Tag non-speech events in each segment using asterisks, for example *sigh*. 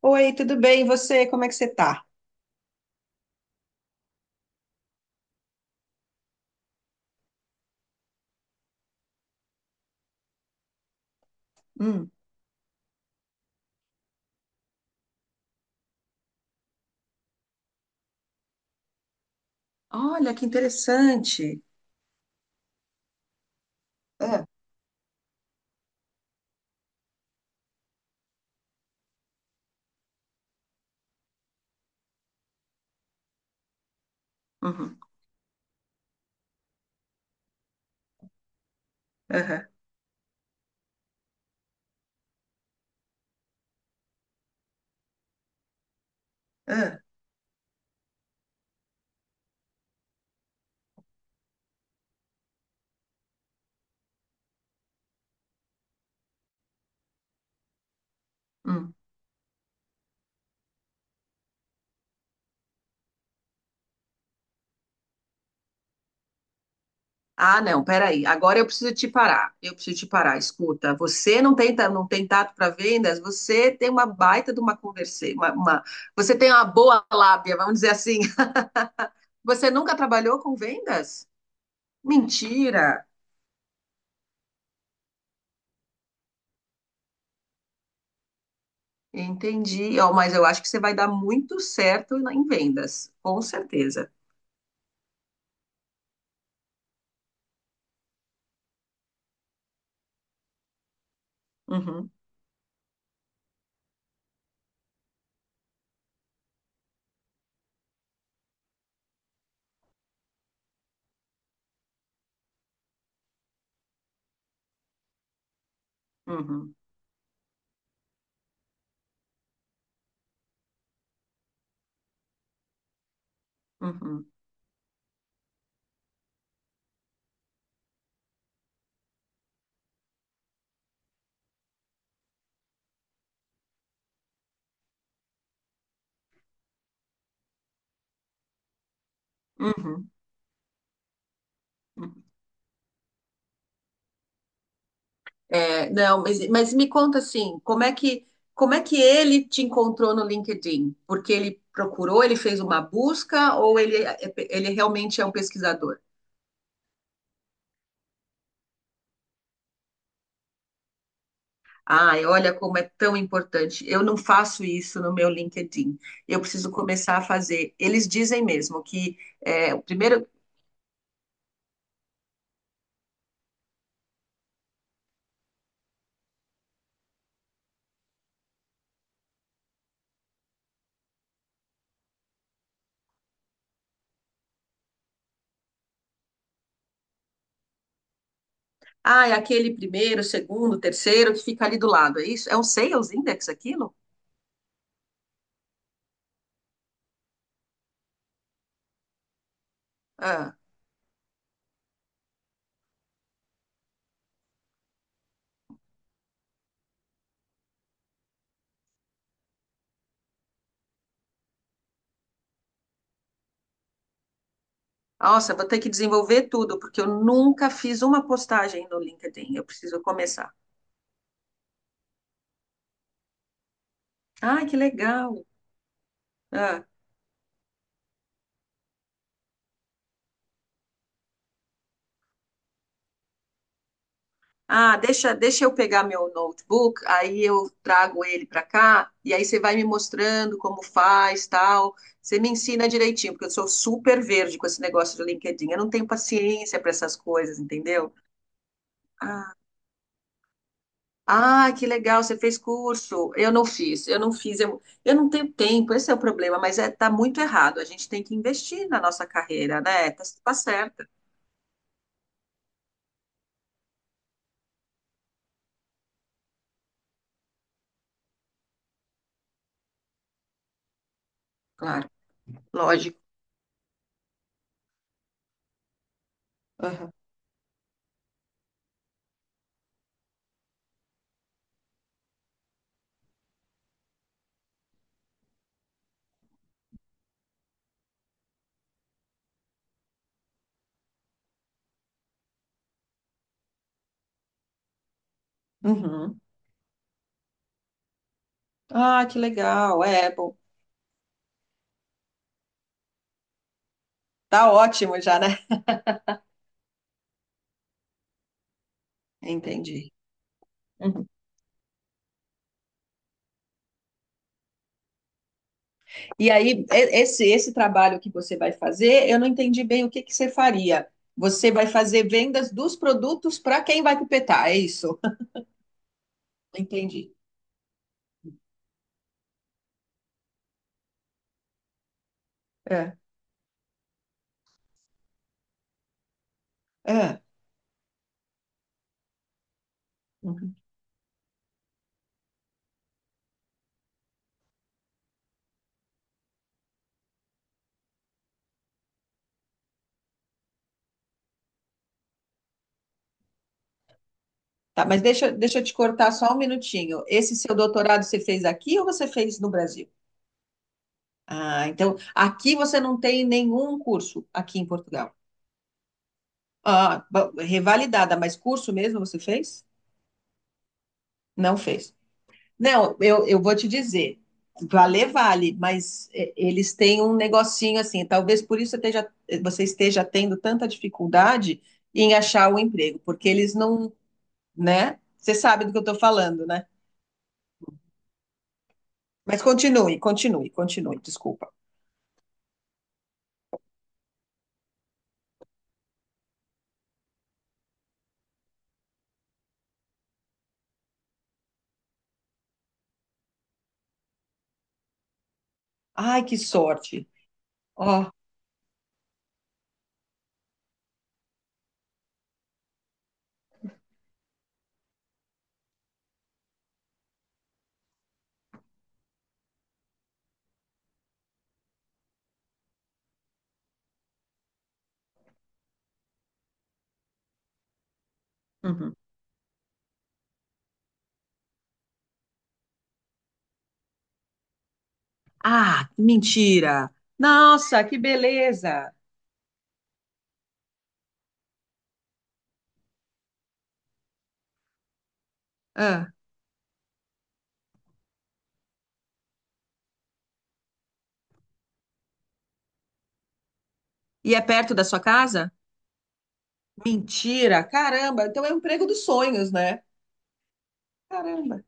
Oi, tudo bem? E você? Como é que você tá? Hum. Olha, que interessante. Ah, uhum, aham, ah, hum. Ah, não, peraí. Agora eu preciso te parar. Eu preciso te parar. Escuta, você não tem, não tem tato para vendas, você tem uma baita de uma conversa, você tem uma boa lábia, vamos dizer assim. *laughs* Você nunca trabalhou com vendas? Mentira. Entendi. Ó, mas eu acho que você vai dar muito certo em vendas, com certeza. Uhum, uhum, uhum, uhum. Uhum. É, não, mas me conta assim, como é que ele te encontrou no LinkedIn? Porque ele procurou, ele fez uma busca ou ele, ele realmente é um pesquisador? Ai, olha como é tão importante. Eu não faço isso no meu LinkedIn. Eu preciso começar a fazer. Eles dizem mesmo que é, o primeiro, ah, é aquele primeiro, segundo, terceiro que fica ali do lado. É isso? É um sales index aquilo? Ah. Nossa, vou ter que desenvolver tudo, porque eu nunca fiz uma postagem no LinkedIn. Eu preciso começar. Ah, que legal. Ah, ah, deixa eu pegar meu notebook, aí eu trago ele para cá, e aí você vai me mostrando como faz, tal. Você me ensina direitinho, porque eu sou super verde com esse negócio do LinkedIn. Eu não tenho paciência para essas coisas, entendeu? Ah, ah, que legal, você fez curso. Eu não fiz, eu não tenho tempo, esse é o problema, mas é, tá muito errado. A gente tem que investir na nossa carreira, né? Tá, tá certa, claro, lógico. Aham. Uhum. Ah, que legal, é bom. Tá ótimo já, né? Entendi. Uhum. E aí, esse trabalho que você vai fazer, eu não entendi bem o que que você faria. Você vai fazer vendas dos produtos para quem vai pipetar, é isso? Entendi. É. É. Tá, mas deixa eu te cortar só um minutinho. Esse seu doutorado você fez aqui ou você fez no Brasil? Ah, então aqui você não tem nenhum curso aqui em Portugal. Ah, revalidada, mas curso mesmo você fez? Não fez. Não, eu vou te dizer, valer vale, mas eles têm um negocinho assim, talvez por isso você esteja tendo tanta dificuldade em achar o emprego, porque eles não, né? Você sabe do que eu estou falando, né? Mas continue, desculpa. Ai, que sorte. Ó. Uhum. Ah, que mentira. Nossa, que beleza. Ah, e é perto da sua casa? Mentira, caramba. Então é o emprego dos sonhos, né? Caramba.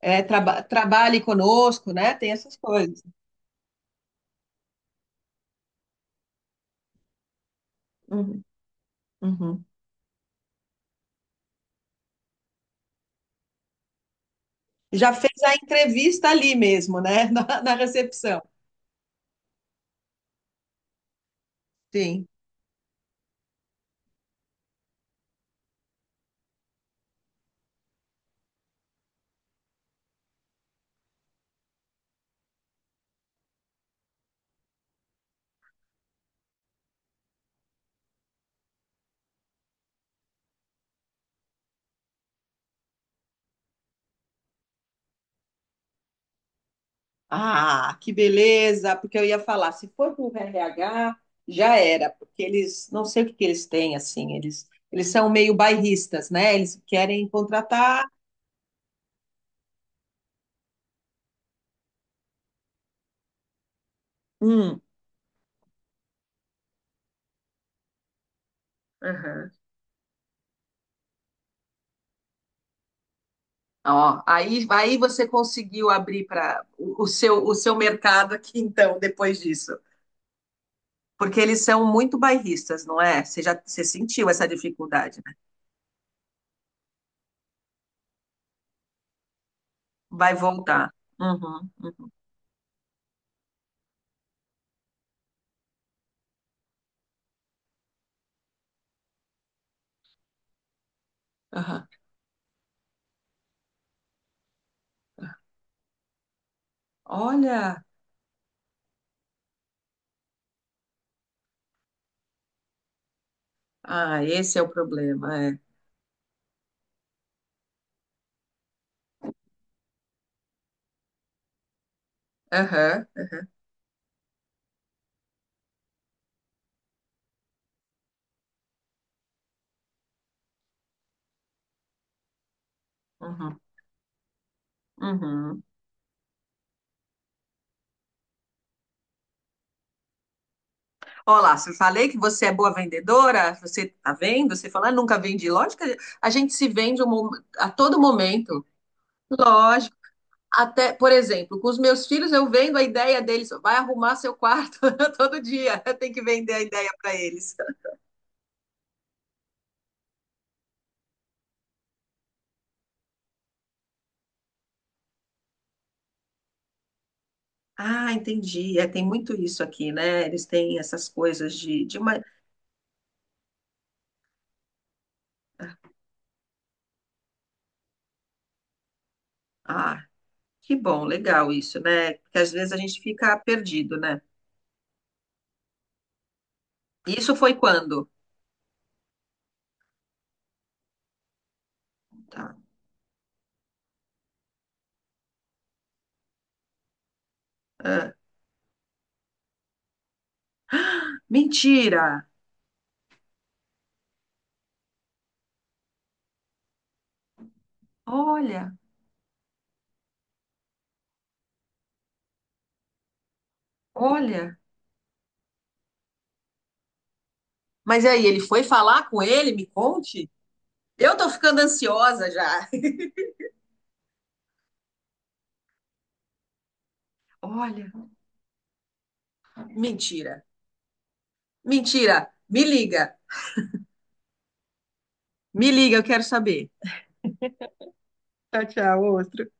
É, trabalhe conosco, né? Tem essas coisas. Uhum, uhum. Já fez a entrevista ali mesmo, né? *laughs* Na recepção. Sim. Ah, que beleza, porque eu ia falar, se for para o RH, já era, porque não sei o que que eles têm, assim, eles são meio bairristas, né? Eles querem contratar um. Aham. Ó, aí você conseguiu abrir para o seu, o seu mercado aqui, então, depois disso. Porque eles são muito bairristas, não é? Você já, você sentiu essa dificuldade, né? Vai voltar. Uhum, uhum, aham. Olha, ah, esse é o problema, é. Aham. Uhum. Uhum. Olá, se eu falei que você é boa vendedora, você tá vendo? Você fala, "Ah, nunca vendi. Lógico que a gente se vende a todo momento. Lógico. Até, por exemplo, com os meus filhos eu vendo a ideia deles, vai arrumar seu quarto *laughs* todo dia, tem que vender a ideia para eles. Ah, entendi. É, tem muito isso aqui, né? Eles têm essas coisas de uma... Ah, que bom, legal isso, né? Porque às vezes a gente fica perdido, né? Isso foi quando? Tá. Ah, mentira! Olha. Olha, mas aí, ele foi falar com ele? Me conte. Eu tô ficando ansiosa já. *laughs* Olha. Mentira. Mentira. Me liga. Me liga, eu quero saber. Tchau, tchau, outro.